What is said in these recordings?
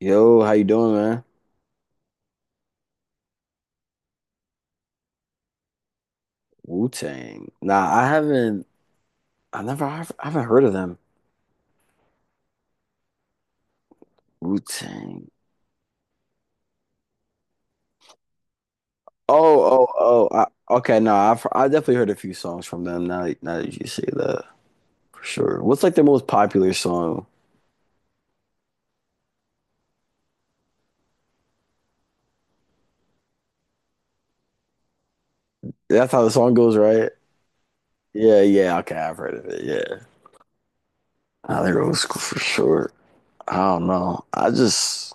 Yo, how you doing, man? Wu-Tang. Nah, I haven't. I never. I haven't heard of them. Wu-Tang. Oh, oh, okay, no. I definitely heard a few songs from them. Now that you say that, for sure. What's like their most popular song? That's how the song goes, right? Yeah, yeah. Okay, I've heard of it. Yeah. Nah, they're old school for sure. I don't know. I just.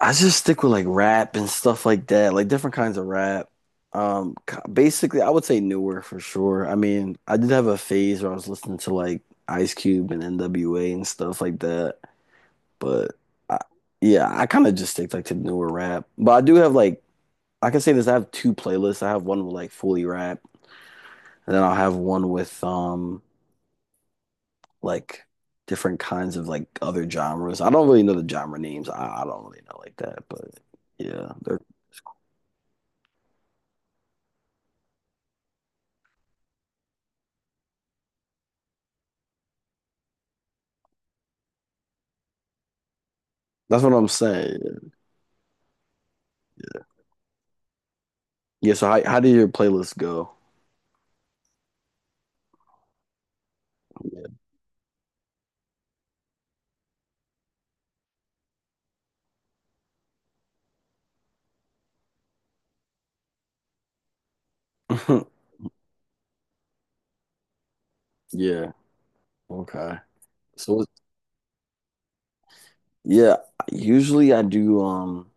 I just stick with like rap and stuff like that, like different kinds of rap. Basically, I would say newer for sure. I mean, I did have a phase where I was listening to like Ice Cube and NWA and stuff like that, but I, yeah, I kind of just stick like to newer rap. But I do have I can say this, I have two playlists. I have one with like fully rap, and then I'll have one with like different kinds of like other genres. I don't really know the genre names. I don't really know like that, but yeah, they're, that's what I'm saying. Yeah, so how did your playlist go? Yeah. Yeah. Okay. So what- yeah, usually I do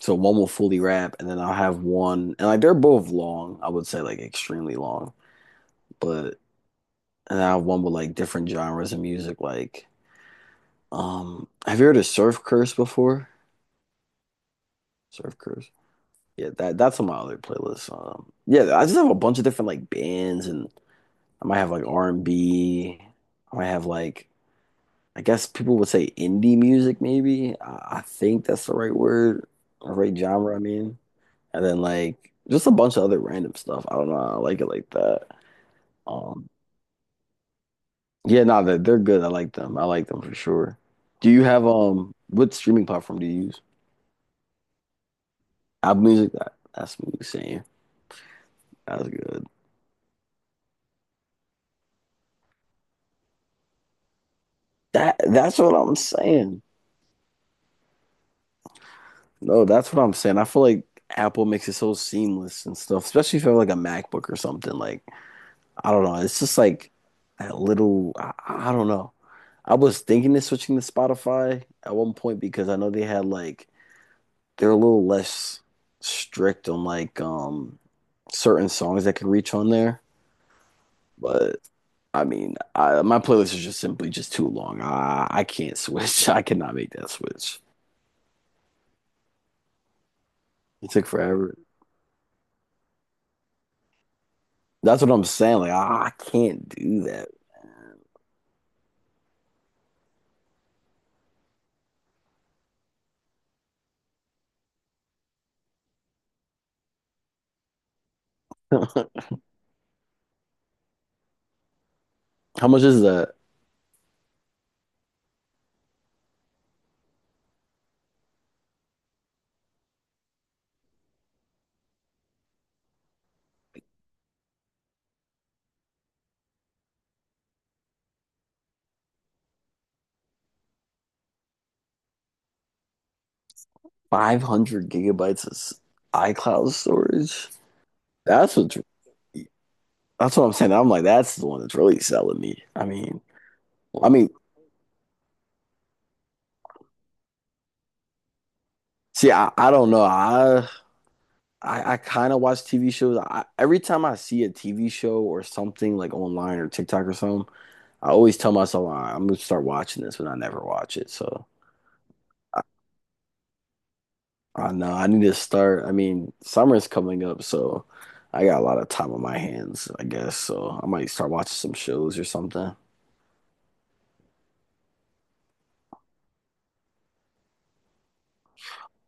so one will fully rap and then I'll have one and like they're both long, I would say like extremely long. But and I have one with like different genres of music like have you heard of Surf Curse before? Surf Curse. Yeah, that's on my other playlist. Um, yeah, I just have a bunch of different like bands and I might have like R and B. I might have like I guess people would say indie music, maybe. I think that's the right word, or right genre, I mean. And then like just a bunch of other random stuff. I don't know. I like it like that. Um, yeah, no, they're good. I like them. I like them for sure. Do you have what streaming platform do you use? Apple Music? That's what you're saying. That's good. That's what I'm saying. No, that's what I'm saying. I feel like Apple makes it so seamless and stuff, especially if you have like a MacBook or something. Like I don't know. It's just like that I don't know. I was thinking of switching to Spotify at one point because I know they had they're a little less strict on like certain songs that could reach on there. But I mean, my playlist is just simply just too long. I can't switch. I cannot make that switch. It took forever. That's what I'm saying. Like I can't do that. How much is that? 500 gigabytes of s- iCloud storage. That's what's That's what I'm saying. I'm like, that's the one that's really selling me. I mean, See, I don't know. I kind of watch TV shows. Every time I see a TV show or something like online or TikTok or something, I always tell myself, "All right, I'm gonna start watching this," but I never watch it. So I, I know I need to start. I mean, summer's coming up, so I got a lot of time on my hands, I guess. So I might start watching some shows or something.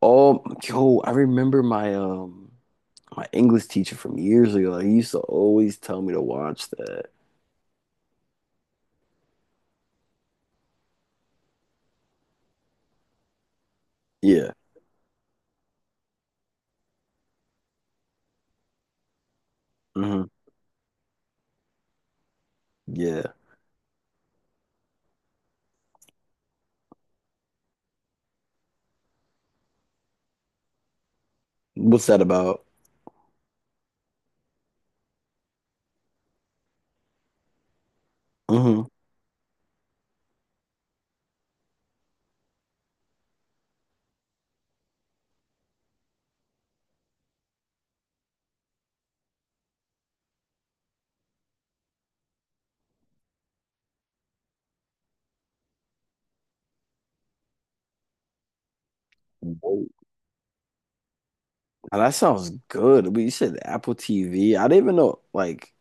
Oh, yo, I remember my my English teacher from years ago. Like, he used to always tell me to watch that. Yeah. hmm Yeah. What's that about? hmm Whoa. Now, that sounds good. But you said Apple TV. I didn't even know. Like,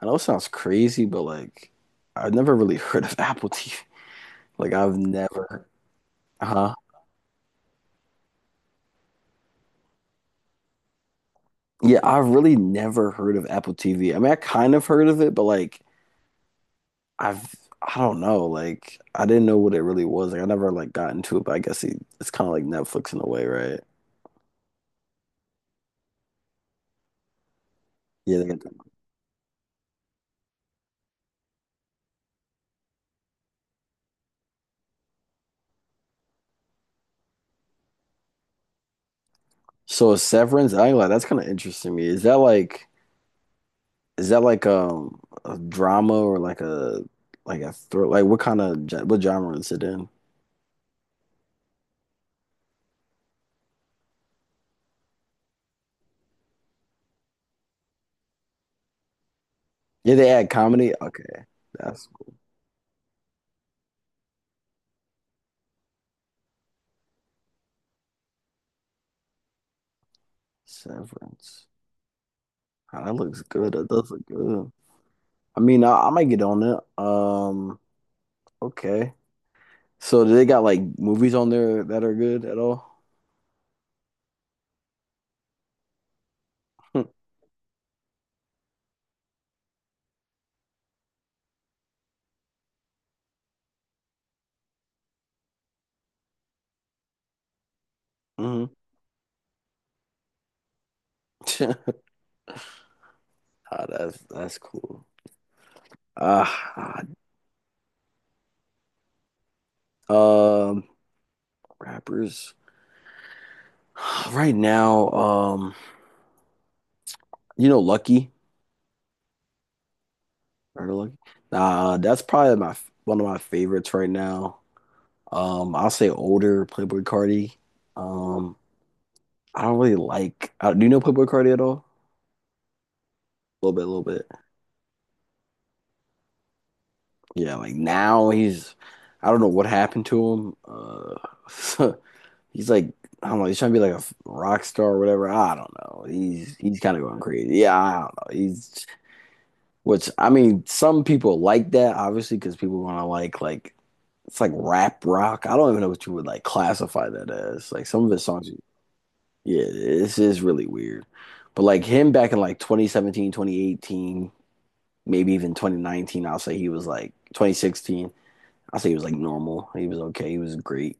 I know it sounds crazy, but like, I've never really heard of Apple TV. Like, I've never. Huh? Yeah, I've really never heard of Apple TV. I mean, I kind of heard of it, but I've. I don't know. Like, I didn't know what it really was. Like, I never like got into it, but I guess it's kind of like Netflix in a way, right? Yeah. that- So Severance, I ain't like that's kind of interesting to me. Is that like a drama or like a thr like what what genre is it in? Yeah, they add comedy. Okay, that's Severance. Ah, that looks good. That does look good. I mean, I might get on it. Okay. So do they got like movies on there that are good at all? hmm Ah, that's cool. Ah, ah, um, Rappers, right now. You know, Lucky. Heard of Lucky? Nah, that's probably my one of my favorites right now. I'll say older Playboy Carti. Um, I don't really like. Do you know Playboy Carti at all? A little bit, a little bit. Yeah, like now he's, I don't know what happened to him. He's like, I don't know, he's trying to be like a rock star or whatever. I don't know. He's kind of going crazy. Yeah, I don't know. He's which I mean, some people like that obviously because people want to like it's like rap rock. I don't even know what you would like classify that as. Like some of his songs, yeah, this is really weird. But like him back in like 2017, 2018, maybe even 2019, I'll say he was like 2016. I say he was like normal. He was okay. He was great.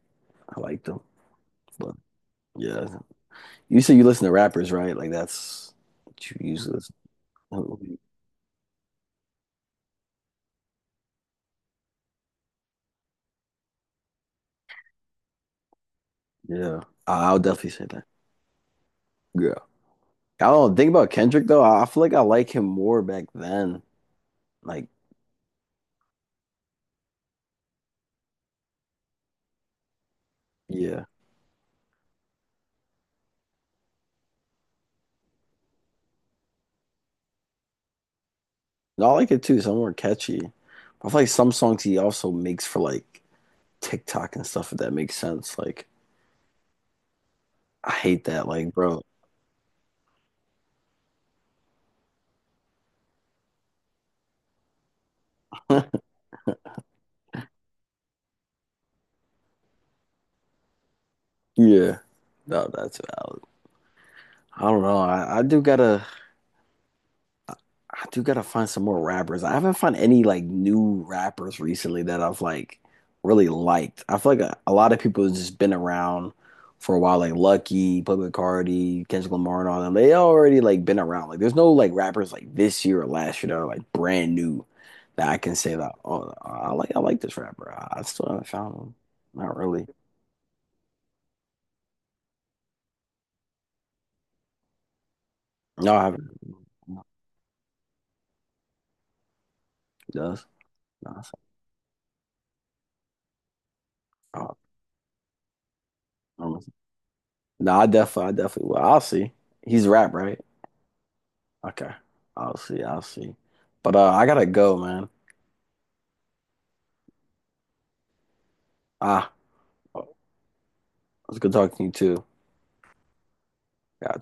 I liked him. But yeah, you said you listen to rappers, right? Like that's what you usually listen to. Yeah, I'll definitely say that. Yeah, I don't think about Kendrick though. I feel like I like him more back then. Like yeah, no, I like it too. Some more catchy. I feel like some songs he also makes for like TikTok and stuff. If that makes sense. Like I hate that. Like bro. Yeah, no, that's valid. I don't know. I do gotta find some more rappers. I haven't found any like new rappers recently that I've like really liked. I feel like a lot of people have just been around for a while, like Lucky, Public Cardi, Kendrick Lamar, and all them. They already like been around. Like there's no like rappers like this year or last year that are like brand new that I can say that, oh, I like this rapper. I still haven't found him. Not really. No, I haven't. Does. No, I, oh, I don't know. No, I definitely, I definitely will. I'll see. He's rap, right? Okay. I'll see. I'll see. But I gotta go, man. Ah, it was good talking to you too. Gotcha.